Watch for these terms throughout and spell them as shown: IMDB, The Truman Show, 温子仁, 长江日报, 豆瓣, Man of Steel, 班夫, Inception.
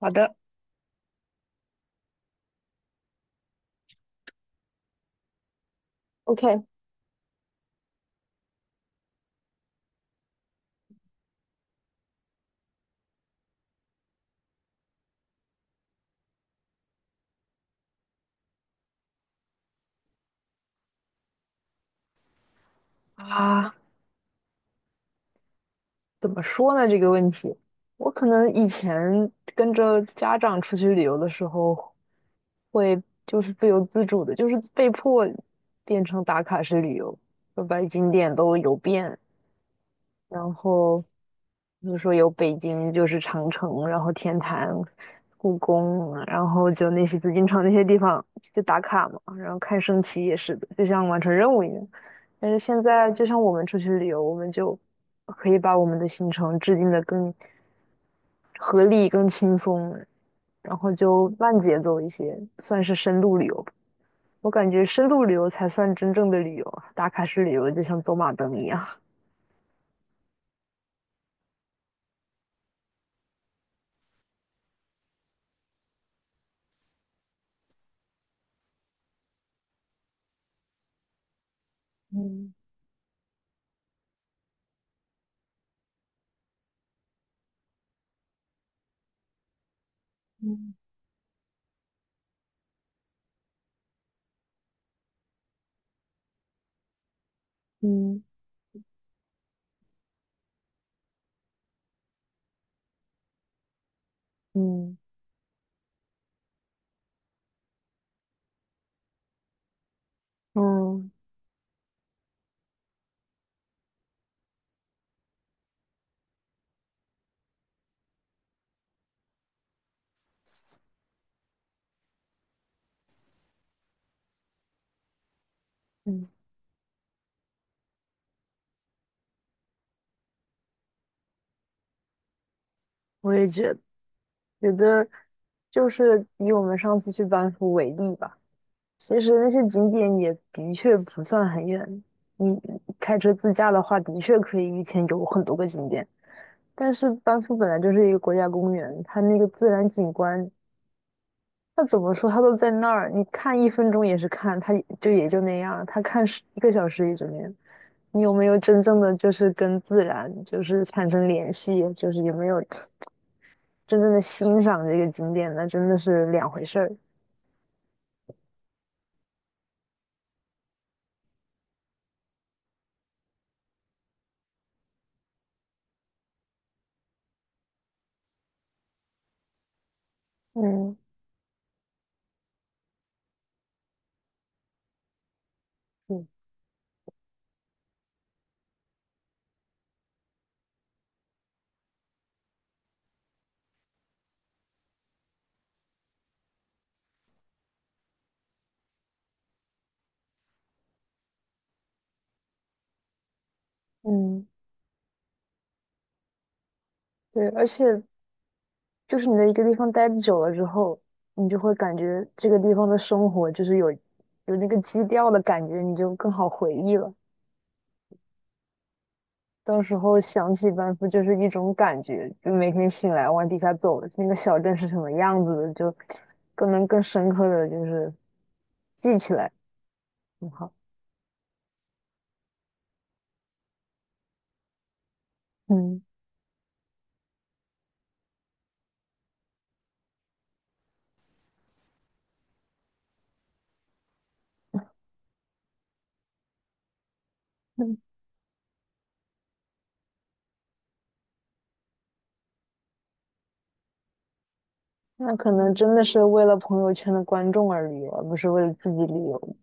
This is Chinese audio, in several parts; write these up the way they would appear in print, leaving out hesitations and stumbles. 好的。 OK。啊，怎么说呢？这个问题，我可能以前跟着家长出去旅游的时候，会就是不由自主的，就是被迫变成打卡式旅游，就把景点都游遍，然后比如说有北京就是长城，然后天坛、故宫，然后就那些紫禁城那些地方就打卡嘛，然后看升旗也是的，就像完成任务一样。但是现在就像我们出去旅游，我们就可以把我们的行程制定的更合理、更轻松，然后就慢节奏一些，算是深度旅游吧。我感觉深度旅游才算真正的旅游，打卡式旅游就像走马灯一样。嗯嗯。嗯嗯。嗯嗯，我也觉得，觉得就是以我们上次去班夫为例吧，其实那些景点也的确不算很远。你开车自驾的话，的确可以一天有很多个景点。但是班夫本来就是一个国家公园，它那个自然景观，它怎么说，它都在那儿，你看1分钟也是看，它就也就那样，它看11个小时也就那样。你有没有真正的就是跟自然就是产生联系？就是有没有？真正的欣赏这个景点，那真的是两回事儿。嗯嗯嗯，对，而且就是你在一个地方待久了之后，你就会感觉这个地方的生活就是有那个基调的感觉，你就更好回忆了。到时候想起班夫就是一种感觉，就每天醒来往底下走，那个小镇是什么样子的，就更能更深刻的就是记起来，很好。嗯嗯，那可能真的是为了朋友圈的观众而旅游，而不是为了自己旅游。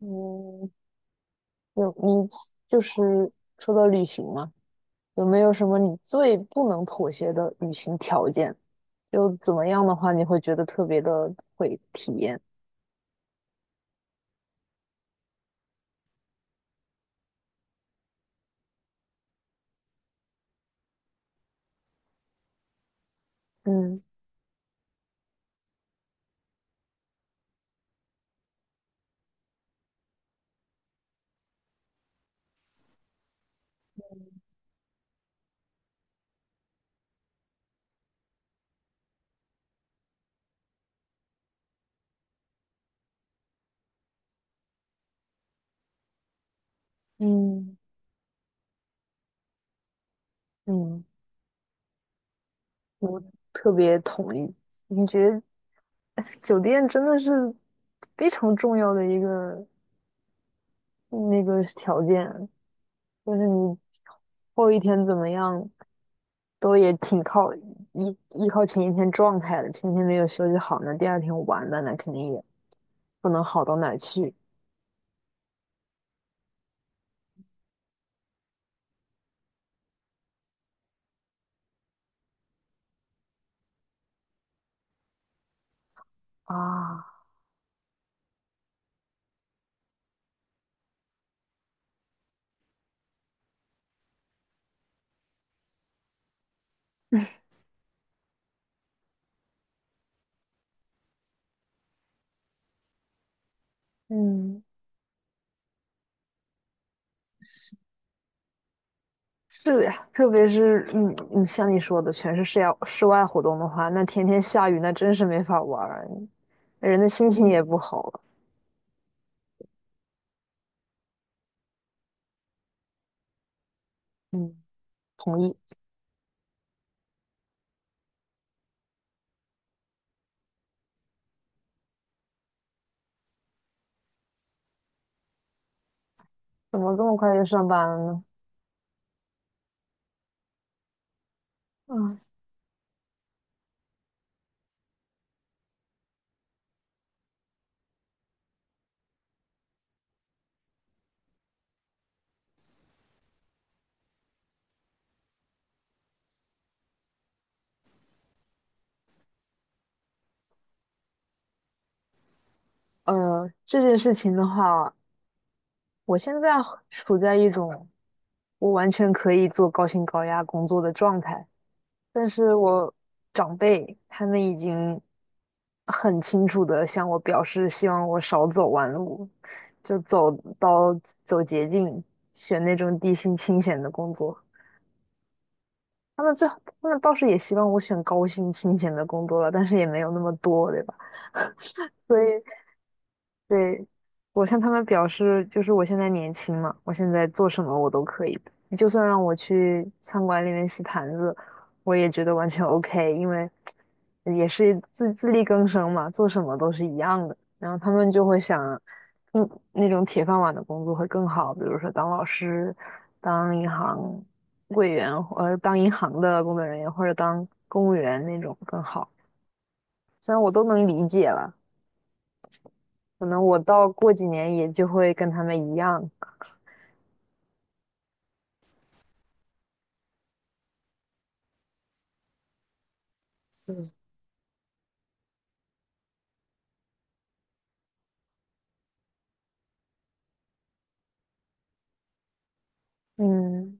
嗯，有你就是说到旅行嘛，有没有什么你最不能妥协的旅行条件？就怎么样的话，你会觉得特别的会体验？嗯嗯嗯，我特别同意。你觉得酒店真的是非常重要的一个条件，就是你后一天怎么样，都也挺靠依靠前一天状态的。前一天没有休息好呢，第二天玩的那肯定也不能好到哪去啊。嗯，是的呀，特别是像你说的，全是室外活动的话，那天天下雨，那真是没法玩儿，人的心情也不好了。嗯，同意。怎么这么快就上班了呢？嗯，这件事情的话，我现在处在一种我完全可以做高薪高压工作的状态，但是我长辈他们已经很清楚的向我表示，希望我少走弯路，就走到走捷径，选那种低薪清闲的工作。他们最，他们倒是也希望我选高薪清闲的工作了，但是也没有那么多，对吧？所以对，我向他们表示，就是我现在年轻嘛，我现在做什么我都可以，就算让我去餐馆里面洗盘子，我也觉得完全 OK，因为也是自力更生嘛，做什么都是一样的。然后他们就会想，嗯，那种铁饭碗的工作会更好，比如说当老师、当银行柜员，当银行的工作人员或者当公务员那种更好。虽然我都能理解了。可能我到过几年也就会跟他们一样。嗯，嗯，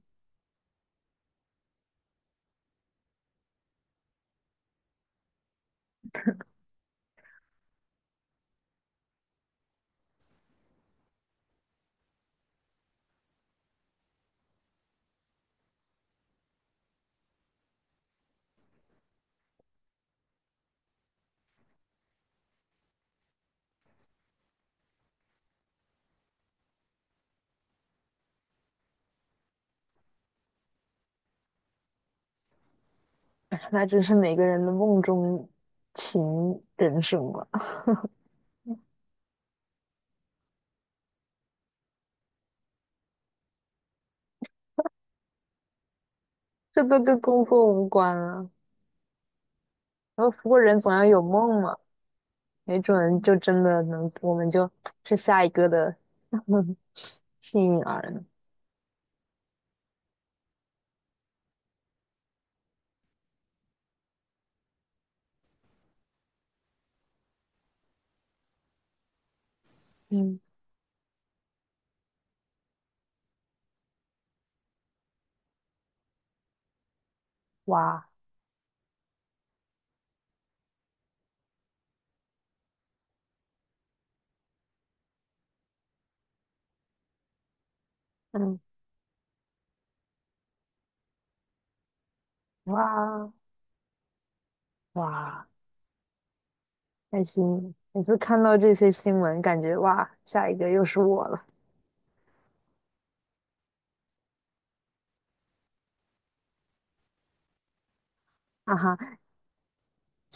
那真是每个人的梦中情人什么？这都跟工作无关啊。然后，不过人总要有梦嘛，没准就真的能，我们就是下一个的 幸运儿呢。嗯，哇，嗯，哇哇，开心！每次看到这些新闻，感觉哇，下一个又是我了，哈哈。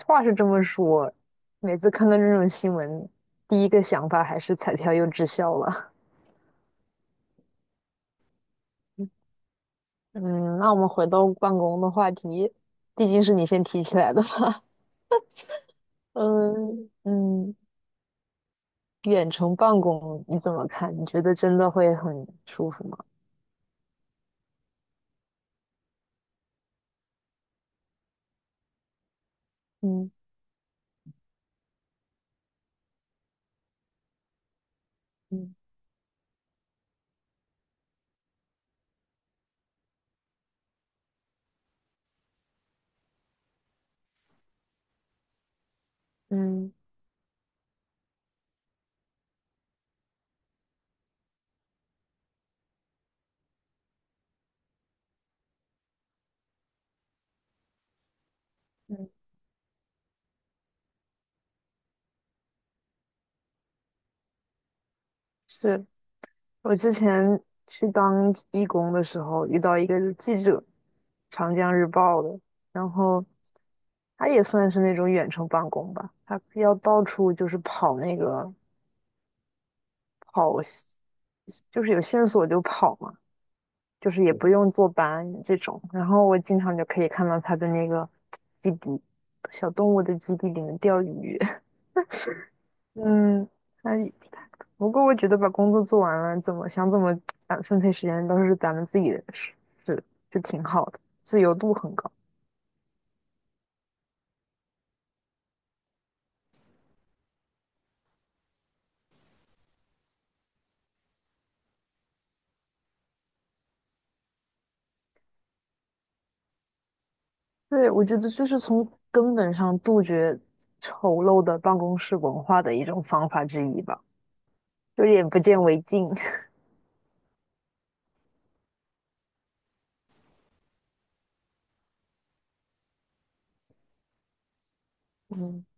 话是这么说，每次看到这种新闻，第一个想法还是彩票又滞销了。嗯，那我们回到办公的话题，毕竟是你先提起来的嘛。嗯嗯，远程办公你怎么看？你觉得真的会很舒服吗？嗯嗯嗯嗯，是我之前去当义工的时候遇到一个记者，长江日报的，然后他也算是那种远程办公吧，他要到处就是跑跑线，就是有线索就跑嘛，就是也不用坐班这种。然后我经常就可以看到他的那个基地，小动物的基地里面钓鱼。嗯，那不过我觉得把工作做完了，怎么想怎么分配时间都是咱们自己的事，是就挺好的，自由度很高。对，我觉得就是从根本上杜绝丑陋的办公室文化的一种方法之一吧，有点不见为净。